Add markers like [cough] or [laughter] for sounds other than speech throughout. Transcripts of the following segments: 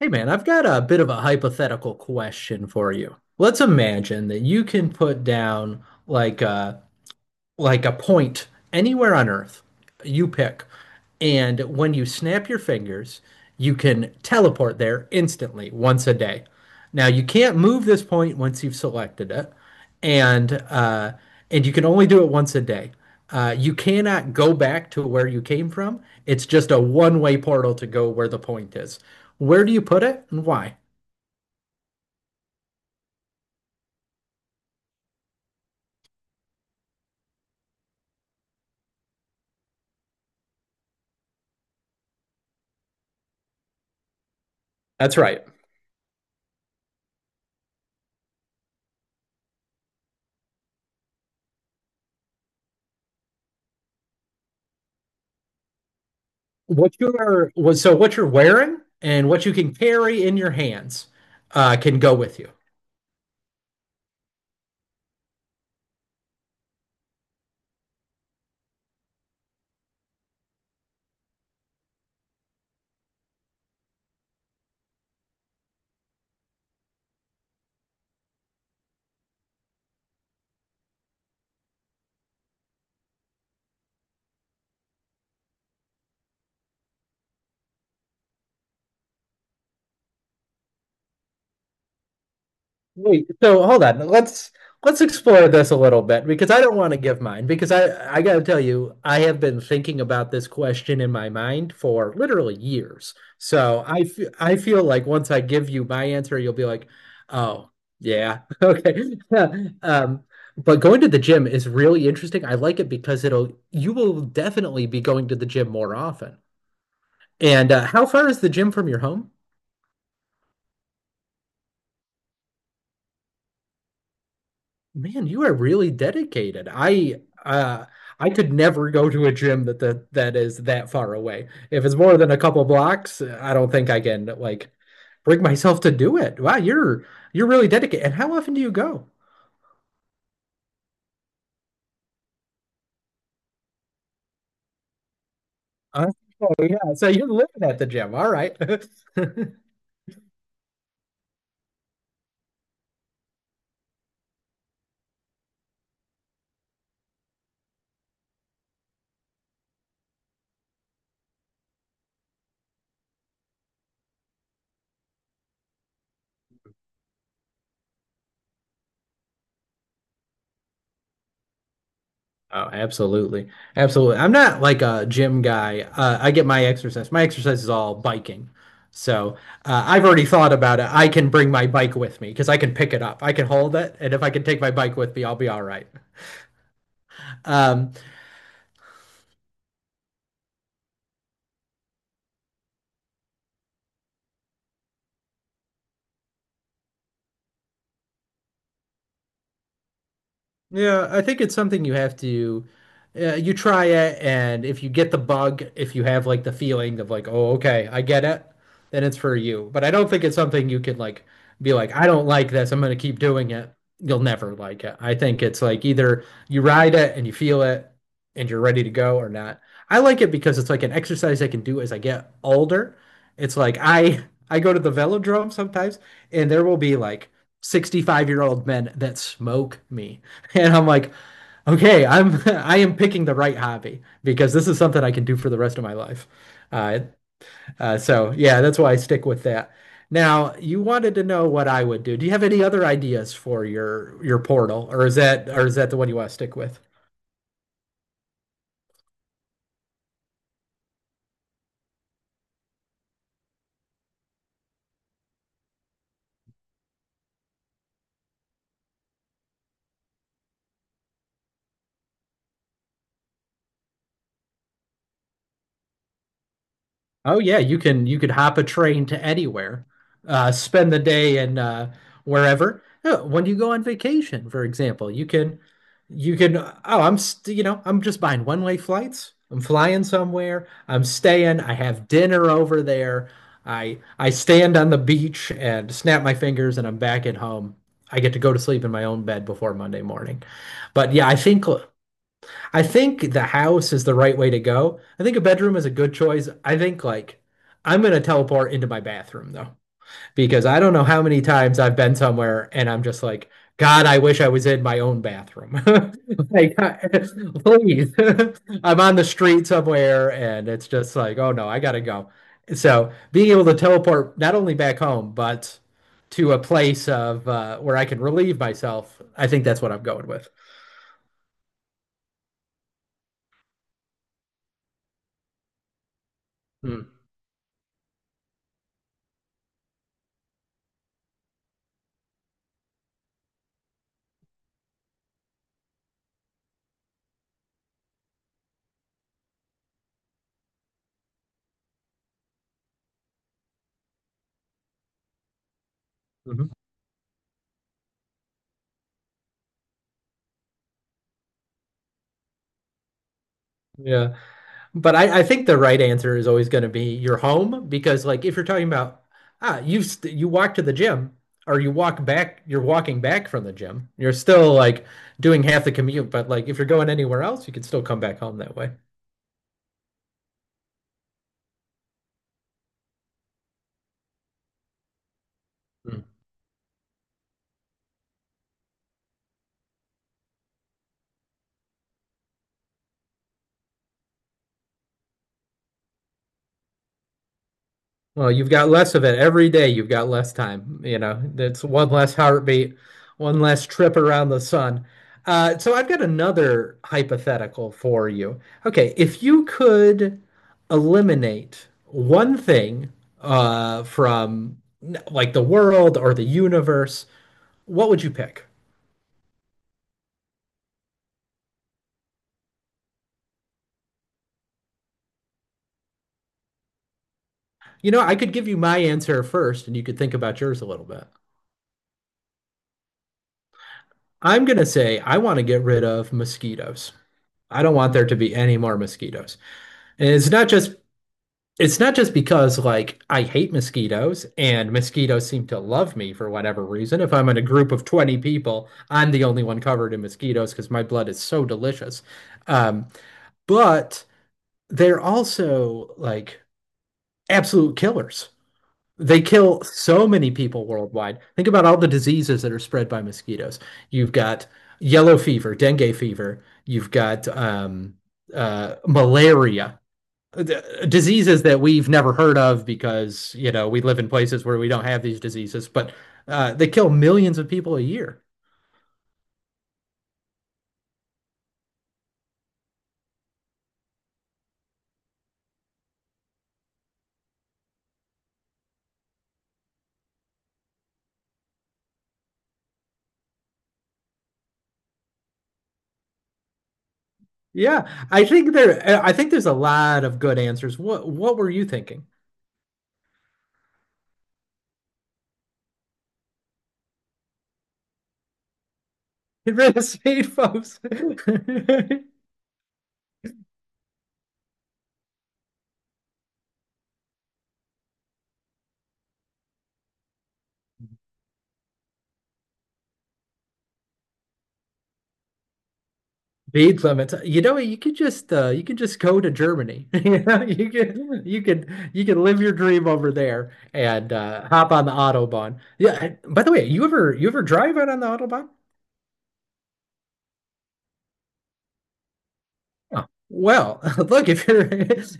Hey man, I've got a bit of a hypothetical question for you. Let's imagine that you can put down like a point anywhere on Earth, you pick. And when you snap your fingers, you can teleport there instantly once a day. Now, you can't move this point once you've selected it, and uh, and you can only do it once a day. You cannot go back to where you came from. It's just a one-way portal to go where the point is. Where do you put it and why? That's right. So what you're wearing and what you can carry in your hands can go with you. Wait, so hold on. Let's explore this a little bit because I don't want to give mine because I got to tell you I have been thinking about this question in my mind for literally years. So I feel like once I give you my answer, you'll be like, oh yeah, [laughs] okay. [laughs] Um, but going to the gym is really interesting. I like it because it'll you will definitely be going to the gym more often. And how far is the gym from your home? Man, you are really dedicated. I could never go to a gym that is that far away. If it's more than a couple blocks, I don't think I can like bring myself to do it. Wow, you're really dedicated. And how often do you go? Uh, oh yeah, so you're living at the gym. All right. [laughs] Oh, absolutely. Absolutely. I'm not like a gym guy. I get my exercise. My exercise is all biking. So I've already thought about it. I can bring my bike with me because I can pick it up. I can hold it. And if I can take my bike with me, I'll be all right. Um, Yeah, I think it's something you have to you try it and if you get the bug, if you have like the feeling of like, "Oh, okay, I get it," then it's for you. But I don't think it's something you can like be like, "I don't like this. I'm going to keep doing it." You'll never like it. I think it's like either you ride it and you feel it and you're ready to go or not. I like it because it's like an exercise I can do as I get older. It's like I go to the velodrome sometimes and there will be like 65-year-old men that smoke me. [laughs] And I'm like, okay, I'm [laughs] I am picking the right hobby because this is something I can do for the rest of my life. Uh, so yeah, that's why I stick with that. Now, you wanted to know what I would do. Do you have any other ideas for your portal, or is that the one you want to stick with? Oh yeah, you could hop a train to anywhere, spend the day in wherever. Oh, when you go on vacation, for example, you can oh I'm st you know I'm just buying one-way flights. I'm flying somewhere. I'm staying. I have dinner over there. I stand on the beach and snap my fingers, and I'm back at home. I get to go to sleep in my own bed before Monday morning. But yeah, I think. I think the house is the right way to go. I think a bedroom is a good choice. I think like I'm gonna teleport into my bathroom though because I don't know how many times I've been somewhere and I'm just like, God, I wish I was in my own bathroom. [laughs] Like, [laughs] please. [laughs] I'm on the street somewhere and it's just like, oh no, I gotta go. So being able to teleport not only back home, but to a place of where I can relieve myself, I think that's what I'm going with. Hmm. Mm-hmm. Yeah. But I think the right answer is always going to be your home because, like, if you're talking about you walk to the gym or you walk back, you're walking back from the gym. You're still like doing half the commute, but like if you're going anywhere else, you can still come back home that way. Well, you've got less of it every day. You've got less time. You know, that's one less heartbeat, one less trip around the sun. So I've got another hypothetical for you. Okay, if you could eliminate one thing from like the world or the universe, what would you pick? You know, I could give you my answer first, and you could think about yours a little bit. I'm gonna say I want to get rid of mosquitoes. I don't want there to be any more mosquitoes. And it's not just because like I hate mosquitoes and mosquitoes seem to love me for whatever reason. If I'm in a group of 20 people, I'm the only one covered in mosquitoes because my blood is so delicious. Um, but they're also like absolute killers. They kill so many people worldwide. Think about all the diseases that are spread by mosquitoes. You've got yellow fever, dengue fever, you've got malaria diseases that we've never heard of because, you know, we live in places where we don't have these diseases, but they kill millions of people a year. I think there's a lot of good answers. What were you thinking? [laughs] Red state folks. [laughs] Speed limits. You know, you could just go to Germany. [laughs] You know, you could live your dream over there and hop on the Autobahn. Yeah. I- By the way, you ever drive out on the Autobahn? Oh, well, [laughs] look, if you're,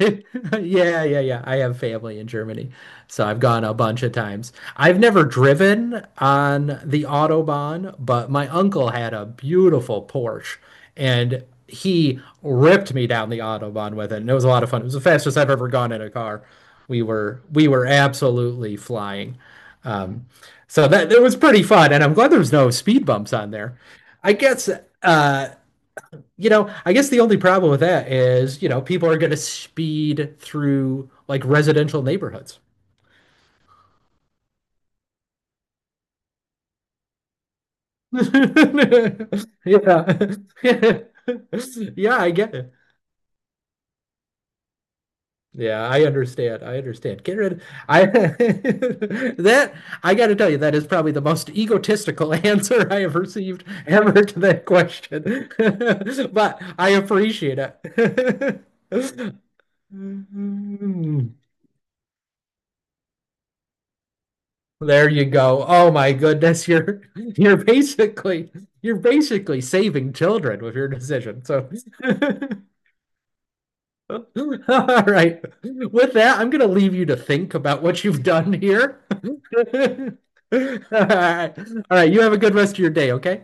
[laughs] yeah. I have family in Germany, so I've gone a bunch of times. I've never driven on the Autobahn, but my uncle had a beautiful Porsche and he ripped me down the Autobahn with it. And it was a lot of fun. It was the fastest I've ever gone in a car. We were absolutely flying. Um, it was pretty fun. And I'm glad there was no speed bumps on there. I guess, uh, you know, I guess the only problem with that is, you know, people are going to speed through like residential neighborhoods. [laughs] Yeah. [laughs] Yeah, I get it. Yeah, I understand. I understand. Get rid I [laughs] that I got to tell you, that is probably the most egotistical [laughs] answer I have received ever to that question. [laughs] But I appreciate it. [laughs] [laughs] There you go. Oh my goodness, you're basically saving children with your decision. So [laughs] all right. With that, I'm gonna leave you to think about what you've done here. [laughs] All right. All right, you have a good rest of your day, okay?